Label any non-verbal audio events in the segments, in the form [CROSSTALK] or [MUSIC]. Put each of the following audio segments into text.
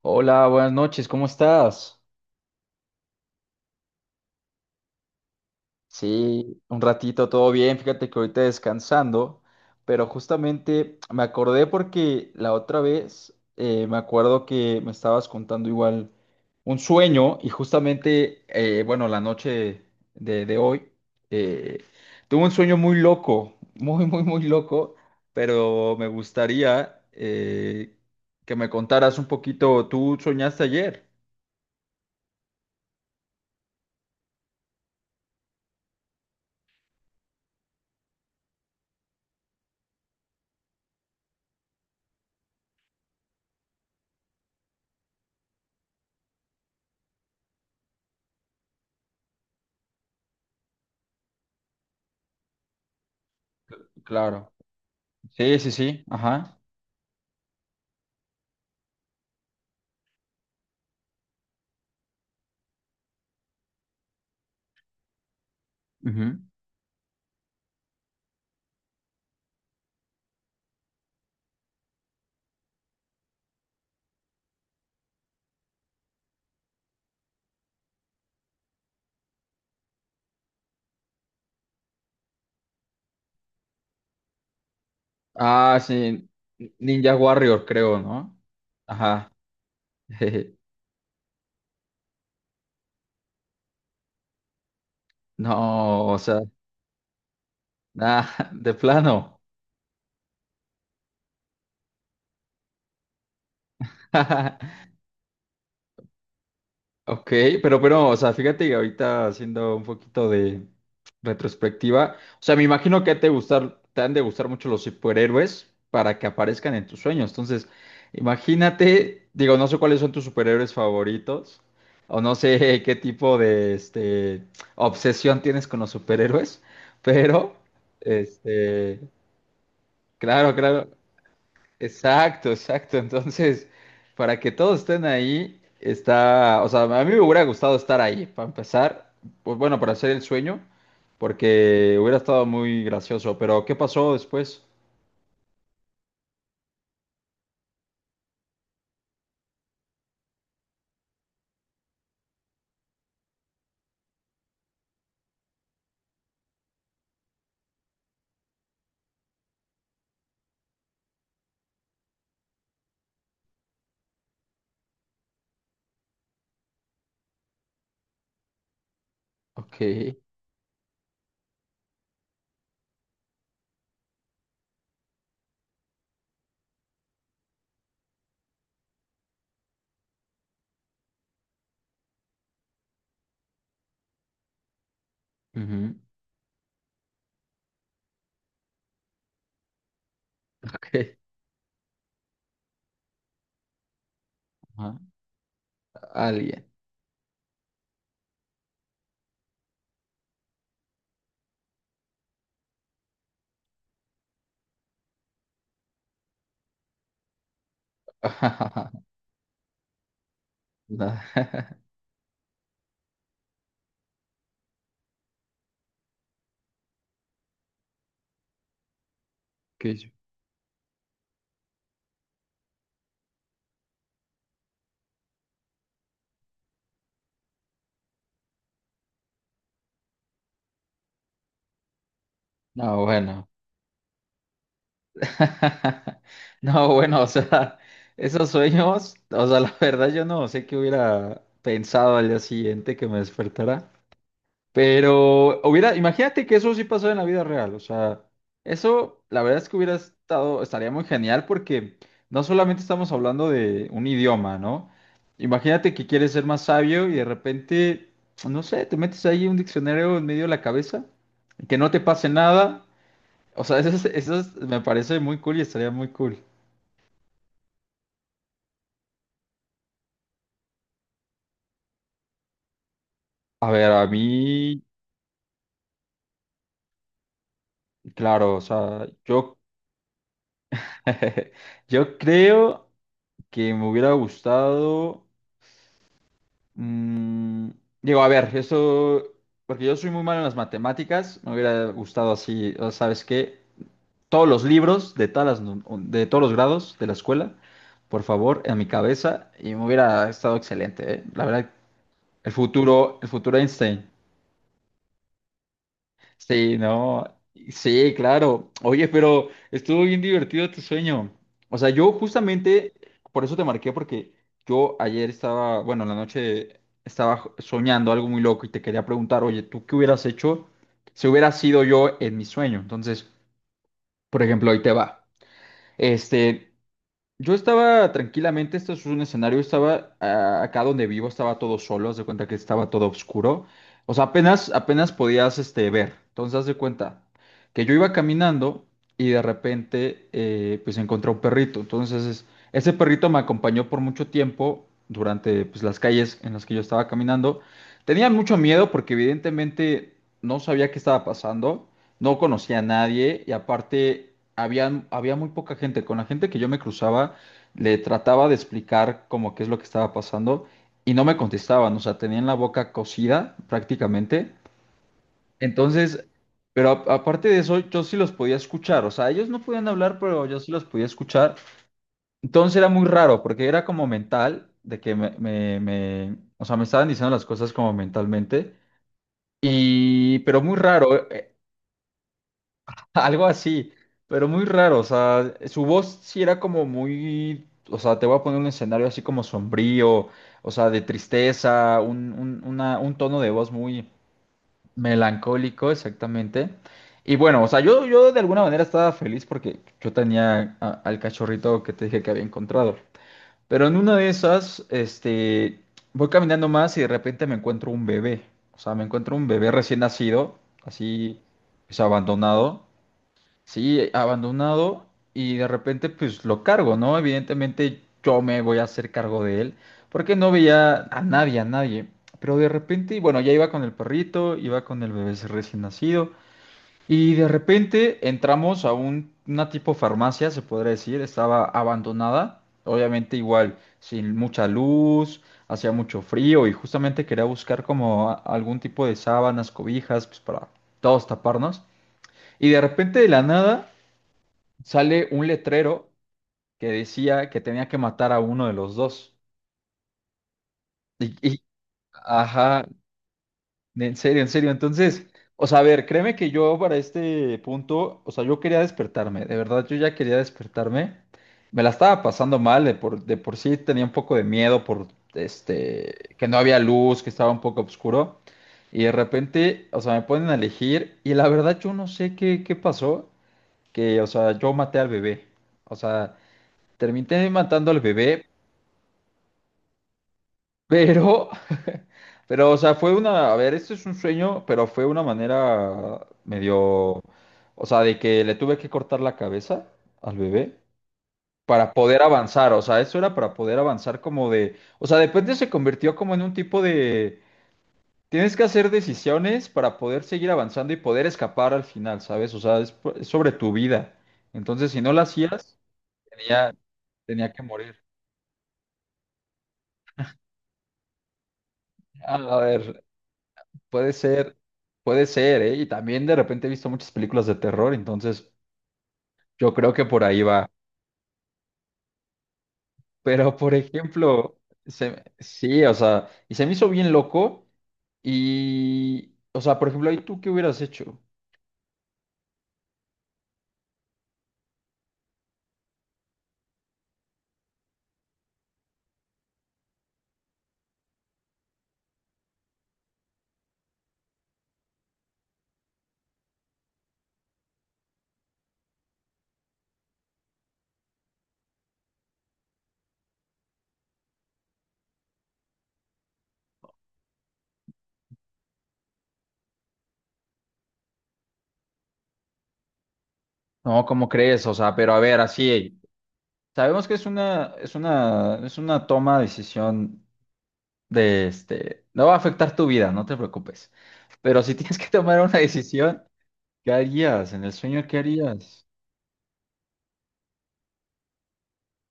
Hola, buenas noches, ¿cómo estás? Sí, un ratito, todo bien, fíjate que ahorita descansando, pero justamente me acordé porque la otra vez me acuerdo que me estabas contando igual un sueño y justamente, bueno, la noche de hoy, eh, tuve un sueño muy loco, [LAUGHS] muy, muy, muy loco, pero me gustaría que me contaras un poquito, ¿tú soñaste ayer? Claro. Sí, sí, sí, ajá. Ujú. Ah, sí, Ninja Warrior, creo, ¿no? Ajá. [LAUGHS] No, o sea, nada, de plano. [LAUGHS] Ok, pero, o sea, fíjate que ahorita haciendo un poquito de retrospectiva, o sea, me imagino que te gustar, te han de gustar mucho los superhéroes para que aparezcan en tus sueños. Entonces, imagínate, digo, no sé cuáles son tus superhéroes favoritos, o no sé [LAUGHS] qué tipo de este obsesión tienes con los superhéroes, [LAUGHS] pero este, claro, claro. Exacto, exacto. Entonces, para que todos estén ahí, está, o sea, a mí me hubiera gustado estar ahí, para empezar, pues bueno, para hacer el sueño, porque hubiera estado muy gracioso, pero ¿qué pasó después? Ok, ujú, ok, ajá, alguien. [LAUGHS] No, [LAUGHS] ¿qué yo? No, bueno. [LAUGHS] No, bueno, o sea, esos sueños, o sea, la verdad yo no sé qué hubiera pensado al día siguiente que me despertara. Pero hubiera, imagínate que eso sí pasó en la vida real, o sea, eso la verdad es que hubiera estado, estaría muy genial porque no solamente estamos hablando de un idioma, ¿no? Imagínate que quieres ser más sabio y de repente, no sé, te metes ahí un diccionario en medio de la cabeza, que no te pase nada, o sea, [LAUGHS] eso, eso me parece muy cool y estaría muy cool. A ver, a mí, claro, o sea, yo, [LAUGHS] yo creo que me hubiera gustado... Mm, digo, a ver, eso, porque yo soy muy malo en las matemáticas, me hubiera gustado así, o ¿sabes qué? Todos los libros de todas las de todos los grados de la escuela, por favor, en mi cabeza, y me hubiera estado excelente, ¿eh? La verdad, el futuro Einstein. Sí, no, sí, claro. Oye, pero estuvo bien divertido tu sueño. O sea, yo justamente, por eso te marqué, porque yo ayer estaba, bueno, en la noche estaba soñando algo muy loco y te quería preguntar, oye, ¿tú qué hubieras hecho si hubiera sido yo en mi sueño? Entonces, por ejemplo, ahí te va. Este, yo estaba tranquilamente, esto es un escenario, estaba acá donde vivo, estaba todo solo, haz de cuenta que estaba todo oscuro. O sea, apenas, apenas podías este, ver. Entonces, haz de cuenta que yo iba caminando y de repente pues encontré un perrito. Entonces, ese perrito me acompañó por mucho tiempo durante pues, las calles en las que yo estaba caminando. Tenía mucho miedo porque evidentemente no sabía qué estaba pasando, no conocía a nadie y aparte había muy poca gente. Con la gente que yo me cruzaba, le trataba de explicar como qué es lo que estaba pasando y no me contestaban, o sea, tenían la boca cocida prácticamente. Entonces, pero aparte de eso, yo sí los podía escuchar, o sea, ellos no podían hablar, pero yo sí los podía escuchar. Entonces era muy raro porque era como mental, de que o sea, me estaban diciendo las cosas como mentalmente. Y, pero muy raro. [LAUGHS] Algo así, pero muy raro, o sea, su voz sí era como muy, o sea, te voy a poner un escenario así como sombrío, o sea, de tristeza, un tono de voz muy melancólico, exactamente. Y bueno, o sea, yo de alguna manera estaba feliz porque yo tenía al cachorrito que te dije que había encontrado. Pero en una de esas, este, voy caminando más y de repente me encuentro un bebé, o sea, me encuentro un bebé recién nacido, así, pues abandonado. Sí, abandonado y de repente pues lo cargo, ¿no? Evidentemente yo me voy a hacer cargo de él porque no veía a nadie, a nadie. Pero de repente, bueno, ya iba con el perrito, iba con el bebé recién nacido y de repente entramos a un, una tipo farmacia, se podría decir, estaba abandonada, obviamente igual, sin mucha luz, hacía mucho frío y justamente quería buscar como algún tipo de sábanas, cobijas, pues para todos taparnos. Y de repente de la nada sale un letrero que decía que tenía que matar a uno de los dos. Y, y- ajá, en serio, en serio. Entonces, o sea, a ver, créeme que yo para este punto, o sea, yo quería despertarme, de verdad, yo ya quería despertarme. Me la estaba pasando mal, de por sí tenía un poco de miedo por este, que no había luz, que estaba un poco oscuro. Y de repente, o sea, me ponen a elegir y la verdad yo no sé qué pasó, que, o sea, yo maté al bebé. O sea, terminé matando al bebé, pero, [LAUGHS] pero, o sea, fue una, a ver, esto es un sueño, pero fue una manera medio, o sea, de que le tuve que cortar la cabeza al bebé para poder avanzar, o sea, eso era para poder avanzar como de, o sea, de repente se convirtió como en un tipo de, tienes que hacer decisiones para poder seguir avanzando y poder escapar al final, ¿sabes? O sea, es, es sobre tu vida. Entonces, si no la hacías, tenía, tenía que morir. Ah, a ver, puede ser, puede ser, ¿eh? Y también de repente he visto muchas películas de terror, entonces yo creo que por ahí va. Pero, por ejemplo, se sí, o sea, y se me hizo bien loco y, o sea, por ejemplo, ¿ahí tú qué hubieras hecho? No, ¿cómo crees? O sea, pero a ver, así, sabemos que es una, es una, es una toma de decisión de, este, no va a afectar tu vida, no te preocupes. Pero si [LAUGHS] tienes que tomar una decisión, ¿qué harías? En el sueño, ¿qué harías?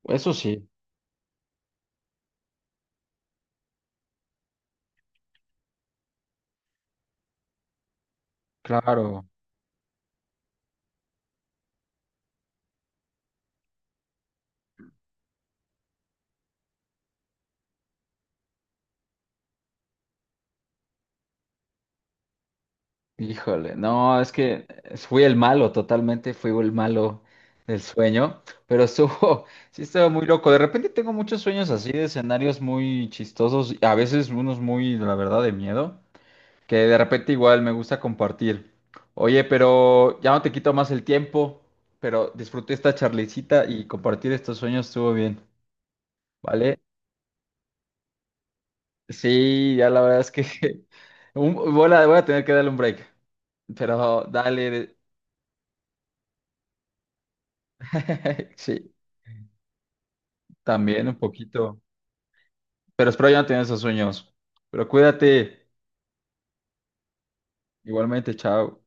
Eso sí, claro. Híjole, no, es que fui el malo, totalmente fui el malo del sueño, pero estuvo, [LAUGHS] sí estaba muy loco. De repente tengo muchos sueños así de escenarios muy chistosos, a veces unos muy, la verdad, de miedo, que de repente igual me gusta compartir. Oye, pero ya no te quito más el tiempo, pero disfruté esta charlicita y compartir estos sueños estuvo bien, ¿vale? Sí, ya la verdad es que [LAUGHS] voy a, voy a tener que darle un break, pero dale, [LAUGHS] sí. También un poquito. Pero espero ya no tener esos sueños. Pero cuídate. Igualmente, chao.